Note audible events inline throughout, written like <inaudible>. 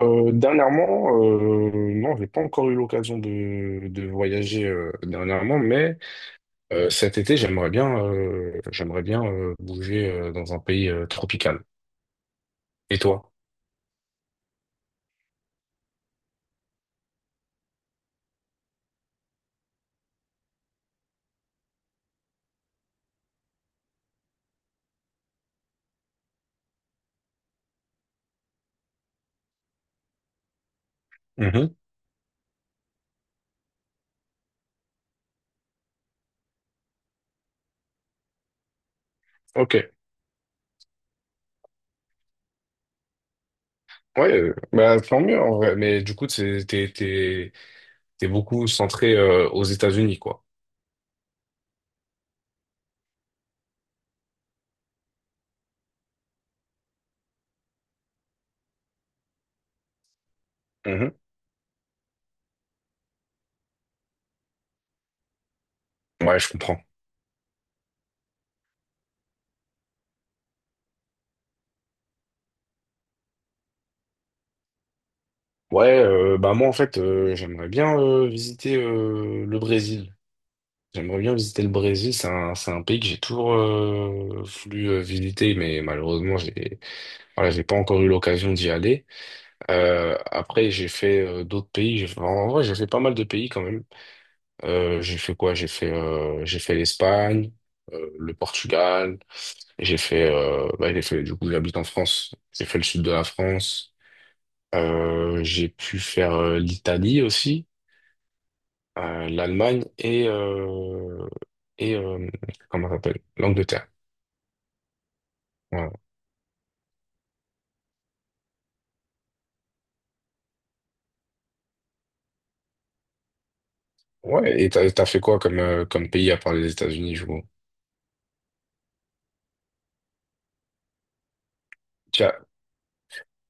Dernièrement, non, j'ai pas encore eu l'occasion de voyager dernièrement, mais cet été, j'aimerais bien bouger dans un pays tropical. Et toi? Mhm. Ok. Ouais, tant mieux en vrai. Mais du coup, t'es beaucoup centré aux États-Unis, quoi. Mhm. Ouais, je comprends. Ouais, bah moi en fait, j'aimerais bien visiter le Brésil. J'aimerais bien visiter le Brésil, c'est un pays que j'ai toujours voulu visiter, mais malheureusement, j'ai voilà, j'ai pas encore eu l'occasion d'y aller. Après, j'ai fait d'autres pays. En vrai, j'ai fait pas mal de pays quand même. J'ai fait quoi? J'ai fait l'Espagne, le Portugal. J'ai fait j'ai fait du coup j'habite en France. J'ai fait le sud de la France. J'ai pu faire l'Italie aussi, l'Allemagne et comment ça s'appelle? L'Angleterre. Ouais, ouais, et t'as fait quoi comme, comme pays à part les États-Unis, je vois. Tiens,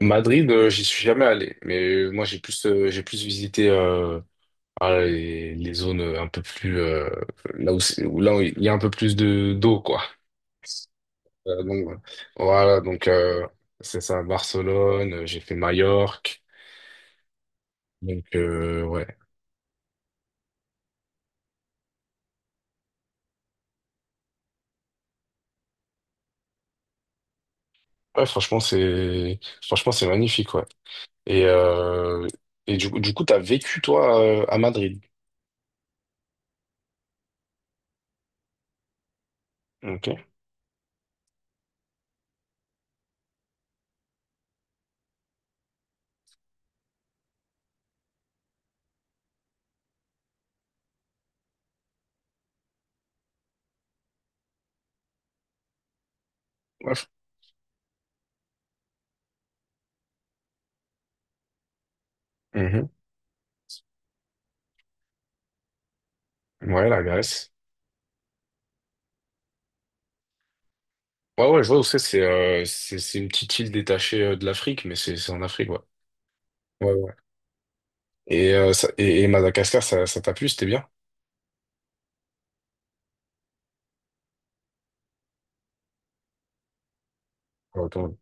Madrid, j'y suis jamais allé, mais moi j'ai plus visité les zones un peu plus là où, là où il y a un peu plus de d'eau quoi. Euh, donc euh, voilà, c'est ça, Barcelone, j'ai fait Majorque, donc euh, ouais, ouais, franchement c'est magnifique ouais. Et euh, et du coup t'as vécu toi à Madrid, ok? Ouais. Ouais, la Grèce. Ouais, ouais, je vois où c'est. C'est c'est une petite île détachée de l'Afrique, mais c'est en Afrique, ouais. Ouais, ouais. Et, et Madagascar, ça t'a plu, c'était bien? Ouais, quand même.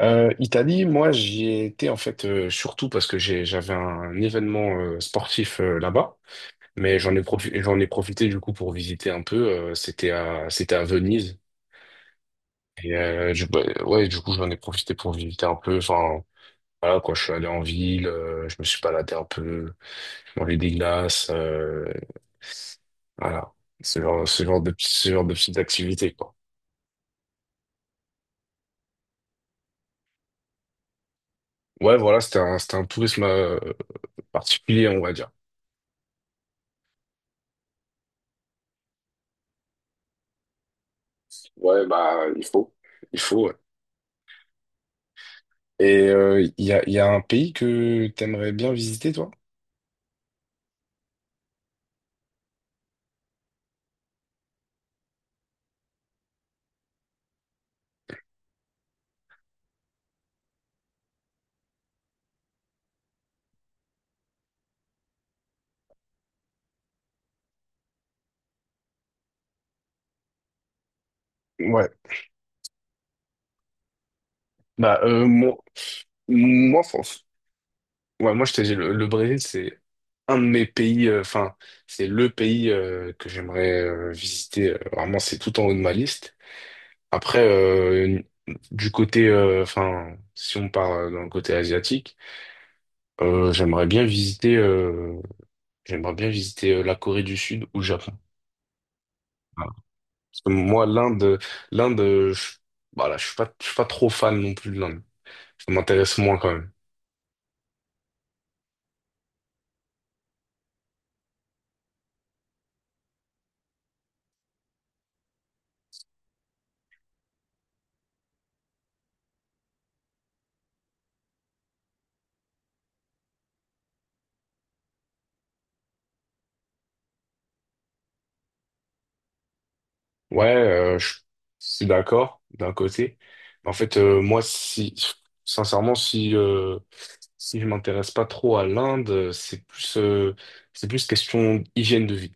Italie, moi, j'y ai été en fait surtout parce que j'avais un événement sportif là-bas, mais j'en ai profité du coup pour visiter un peu. C'était à c'était à Venise et ouais, du coup j'en ai profité pour visiter un peu. Enfin voilà quoi, je suis allé en ville, je me suis baladé un peu, manger des glaces, voilà, ce genre de petites activités, quoi. Ouais, voilà, c'était un tourisme particulier, on va dire. Ouais, bah, il faut. Il faut, ouais. Et il y a un pays que t'aimerais bien visiter, toi? Ouais. Bah, moi, France. Ouais, moi, je t'ai dit, le Brésil, c'est un de mes pays, enfin, c'est le pays que j'aimerais visiter. Vraiment, c'est tout en haut de ma liste. Après, enfin, si on part dans le côté asiatique, euh, j'aimerais bien visiter, euh, j'aimerais bien visiter la Corée du Sud ou le Japon. Voilà. Parce que moi, l'Inde, voilà, je suis pas trop fan non plus de l'Inde. Ça m'intéresse moins quand même. Ouais, je suis d'accord d'un côté. Mais en fait, moi, si, sincèrement, si je m'intéresse pas trop à l'Inde, c'est plus question hygiène de vie.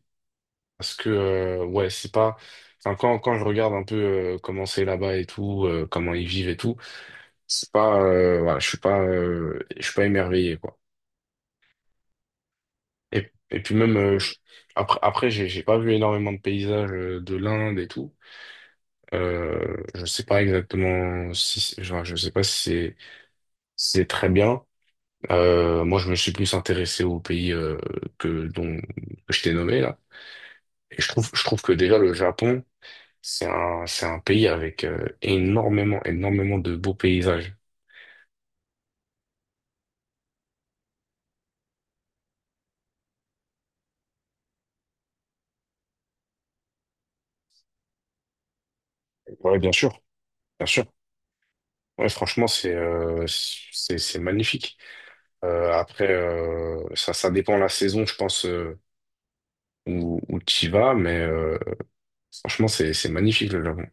Parce que, ouais, c'est pas. Enfin, quand je regarde un peu comment c'est là-bas et tout, comment ils vivent et tout, c'est pas. Voilà, je suis pas émerveillé, quoi. Et puis même, après, j'ai pas vu énormément de paysages de l'Inde et tout. Je sais pas exactement si. Genre, je sais pas si c'est si c'est très bien. Moi, je me suis plus intéressé aux pays que, dont, que je t'ai nommé, là. Et je trouve que déjà le Japon. C'est un pays avec énormément de beaux paysages. Ouais, bien sûr, bien sûr. Ouais, franchement, c'est c'est magnifique. Après, ça dépend la saison, je pense euh, où tu y vas, mais franchement, c'est magnifique le Japon.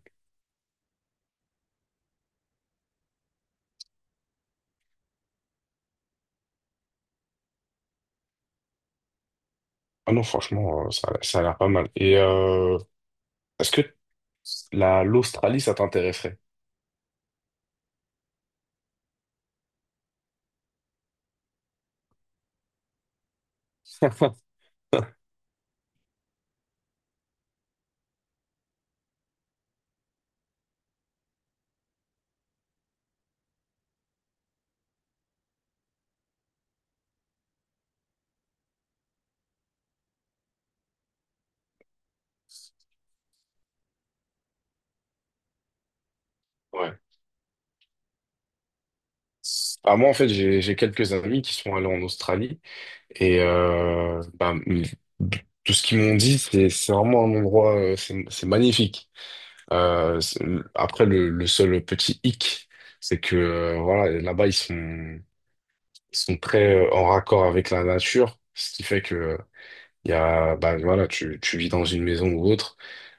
Ah non, franchement, ça a l'air pas mal. Et est-ce que la l'Australie, ça t'intéresserait? <laughs> Ouais. Ah, moi, en fait, j'ai quelques amis qui sont allés en Australie. Et tout ce qu'ils m'ont dit, c'est vraiment un endroit, c'est magnifique. Euh, c'est- Après, le seul petit hic, c'est que voilà, là-bas, ils sont très en raccord avec la nature, ce qui fait que il y a, bah, voilà, tu vis dans une maison ou autre.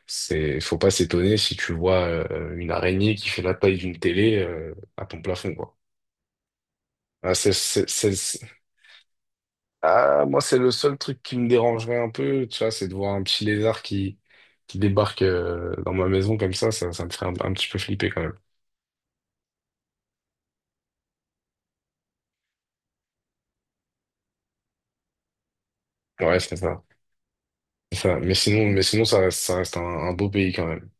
C'est, faut pas s'étonner si tu vois une araignée qui fait la taille d'une télé à ton plafond, quoi. Ah, c'est, c'est, c'est- Ah, moi, c'est le seul truc qui me dérangerait un peu, tu vois, c'est de voir un petit lézard qui débarque dans ma maison comme ça, ça me ferait un petit peu flipper quand même. Ouais, c'est ça. C'est ça. Mais sinon, ça reste un beau pays quand même.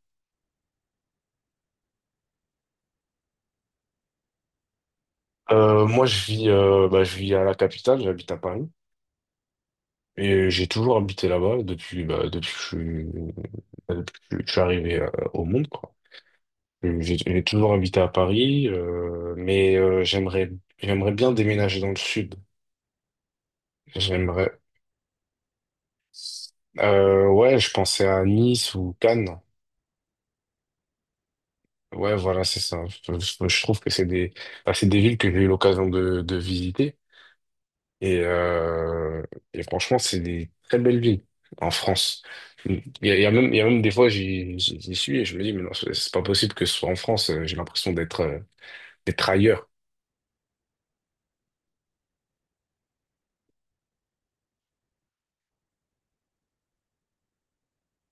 Moi, je vis à la capitale, j'habite à Paris. Et j'ai toujours habité là-bas depuis, bah, depuis que je suis arrivé au monde, quoi. J'ai toujours habité à Paris, j'aimerais bien déménager dans le sud. J'aimerais Ouais, je pensais à Nice ou Cannes. Ouais, voilà, c'est ça. Je trouve que c'est des villes que j'ai eu l'occasion de visiter. Et, franchement, c'est des très belles villes en France. Il y a même des fois, j'y suis et je me dis, mais non, c'est pas possible que ce soit en France. J'ai l'impression d'être d'être ailleurs.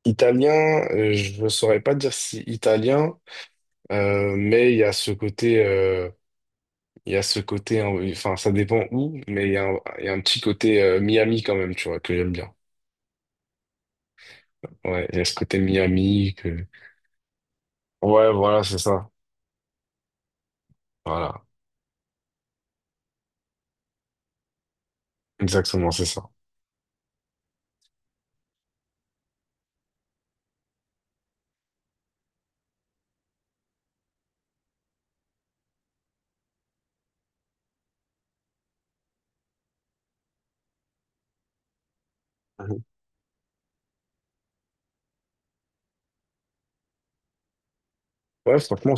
Italien, je ne saurais pas dire si italien, euh, mais il y a ce côté. euh, Il y a ce côté, hein, oui, enfin, ça dépend où, mais il y a un petit côté Miami quand même, tu vois, que j'aime bien. Ouais, il y a ce côté Miami que… Ouais, voilà, c'est ça. Voilà, exactement, c'est ça. Mhm. Ouais, franchement,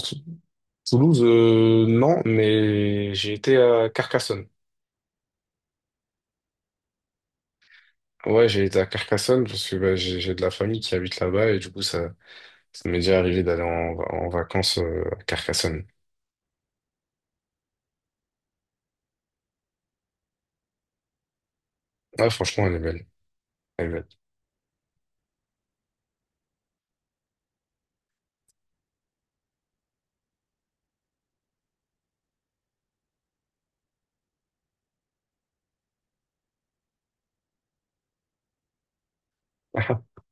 Toulouse, non, mais j'ai été à Carcassonne. Ouais, j'ai été à Carcassonne parce que bah, j'ai de la famille qui habite là-bas et du coup, ça m'est déjà arrivé d'aller en, en vacances à Carcassonne. Ouais, franchement, elle est belle. Elle est belle. <laughs>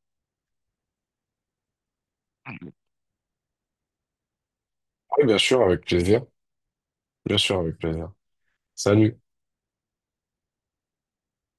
Oui, bien sûr, avec plaisir. Bien sûr, avec plaisir. Salut.